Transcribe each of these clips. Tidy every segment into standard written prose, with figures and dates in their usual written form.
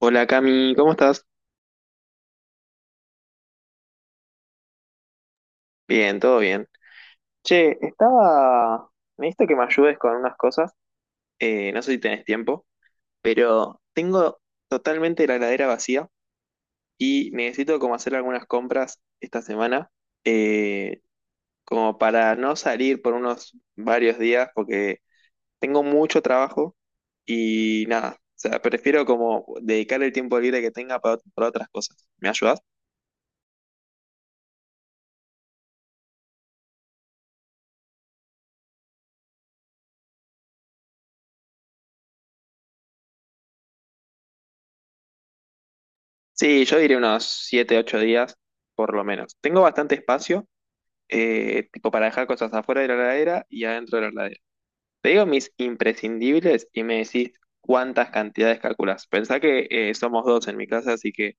Hola Cami, ¿cómo estás? Bien, todo bien. Che, estaba... Necesito que me ayudes con unas cosas. No sé si tenés tiempo, pero tengo totalmente la heladera vacía y necesito como hacer algunas compras esta semana, eh, como para no salir por unos varios días, porque tengo mucho trabajo y nada, o sea, prefiero como dedicar el tiempo libre que tenga para otras cosas. ¿Me ayudas? Sí, yo diría unos 7, 8 días, por lo menos. Tengo bastante espacio, tipo para dejar cosas afuera de la heladera y adentro de la heladera. Te digo mis imprescindibles y me decís cuántas cantidades calculás. Pensá que somos 2 en mi casa, así que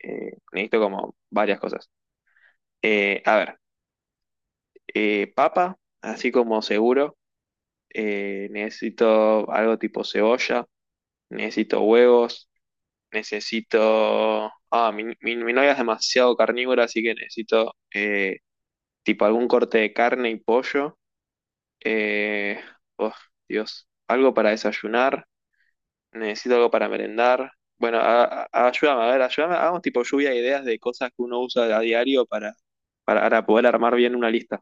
necesito como varias cosas. A ver, papa, así como seguro. Necesito algo tipo cebolla, necesito huevos, necesito... Ah, mi novia es demasiado carnívora, así que necesito... tipo algún corte de carne y pollo. Eh, oh, Dios, algo para desayunar, necesito algo para merendar. Bueno, ayúdame, a ver, ayúdame, hagamos tipo lluvia de ideas de cosas que uno usa a diario para poder armar bien una lista.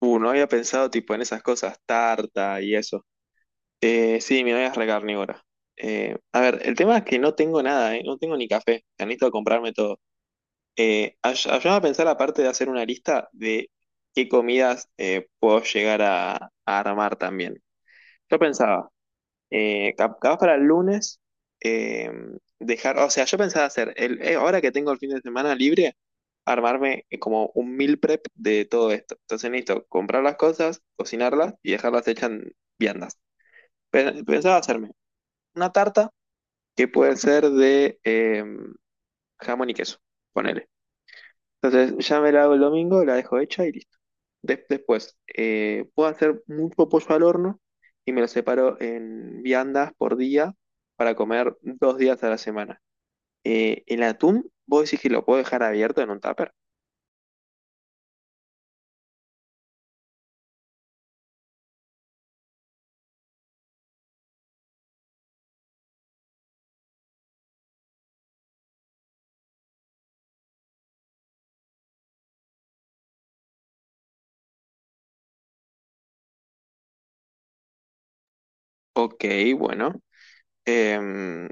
No había pensado tipo en esas cosas, tarta y eso. Sí, mi novia es re carnívora. A ver, el tema es que no tengo nada, ¿eh? No tengo ni café, necesito comprarme todo. Ayúdame a pensar, aparte de hacer una lista de qué comidas puedo llegar a armar también. Yo pensaba, capaz para el lunes, eh, dejar, o sea, yo pensaba hacer, ahora que tengo el fin de semana libre, armarme como un meal prep de todo esto. Entonces necesito comprar las cosas, cocinarlas y dejarlas hechas en viandas. Pensaba hacerme una tarta que puede ser de jamón y queso, ponele. Entonces ya me la hago el domingo, la dejo hecha y listo. Después, puedo hacer mucho pollo al horno y me lo separo en viandas por día para comer 2 días a la semana. El atún, ¿vos decís que lo puedo dejar abierto en un tupper? Ok, bueno. Em,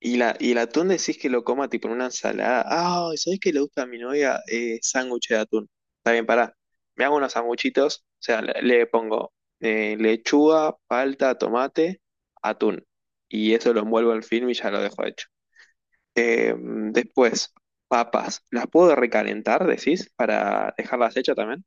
Y, la, y el atún decís que lo coma tipo en una ensalada. Ah, ¿sabés que le gusta a mi novia? Sándwich de atún. Está bien, pará. Me hago unos sanguchitos. O sea, le pongo lechuga, palta, tomate, atún. Y eso lo envuelvo en film y ya lo dejo hecho. Después, papas. ¿Las puedo recalentar, decís, para dejarlas hechas también?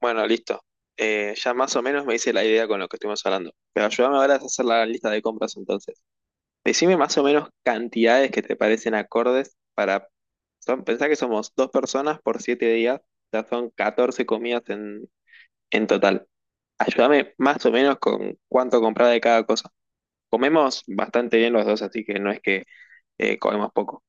Bueno, listo. Ya más o menos me hice la idea con lo que estuvimos hablando. Pero ayúdame ahora a hacer la lista de compras entonces. Decime más o menos cantidades que te parecen acordes para... Son, pensá que somos dos personas por 7 días, ya son 14 comidas en total. Ayúdame más o menos con cuánto comprar de cada cosa. Comemos bastante bien los dos, así que no es que comemos poco.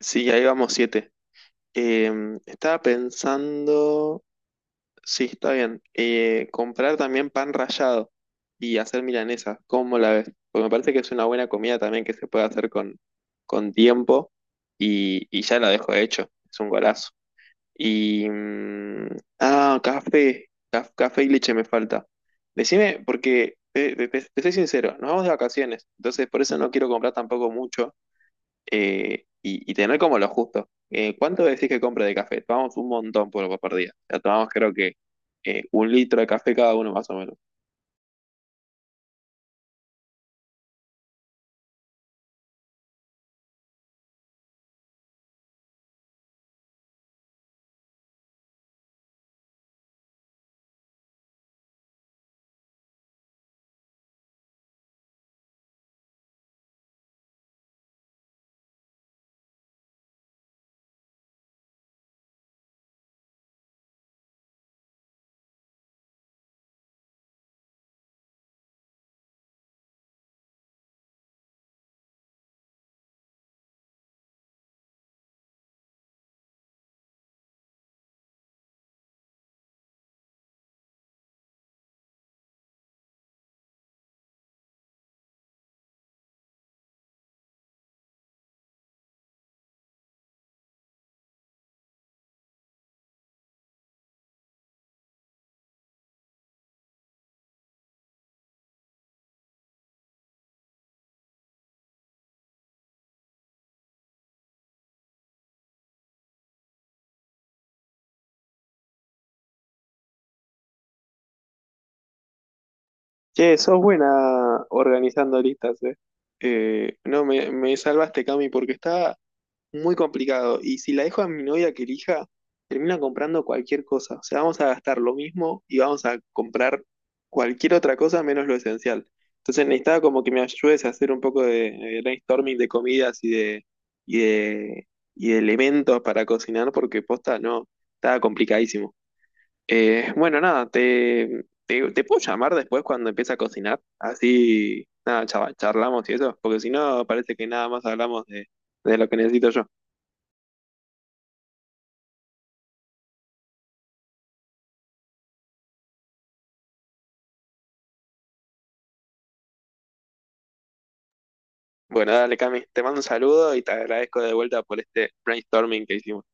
Sí, ahí vamos 7. Estaba pensando... Sí, está bien. Comprar también pan rallado y hacer milanesa. ¿Cómo la ves? Porque me parece que es una buena comida también que se puede hacer con tiempo y ya la dejo hecho. Es un golazo. Y... mm, ah, café. Café y leche me falta. Decime, porque te soy sincero, nos vamos de vacaciones, entonces por eso no quiero comprar tampoco mucho y tener como lo justo. ¿Cuánto decís que compra de café? Tomamos un montón por día. O sea, tomamos creo que 1 litro de café cada uno más o menos. Che, sos buena organizando listas, eh. No, me, Me salvaste, Cami, porque estaba muy complicado. Y si la dejo a mi novia que elija, termina comprando cualquier cosa. O sea, vamos a gastar lo mismo y vamos a comprar cualquier otra cosa menos lo esencial. Entonces necesitaba como que me ayudes a hacer un poco de brainstorming de comidas y de, y de elementos para cocinar, porque posta no, estaba complicadísimo. Bueno, nada, te puedo llamar después cuando empiece a cocinar. Así, nada, charlamos y eso, porque si no, parece que nada más hablamos de lo que necesito yo. Bueno, dale, Cami, te mando un saludo y te agradezco de vuelta por este brainstorming que hicimos.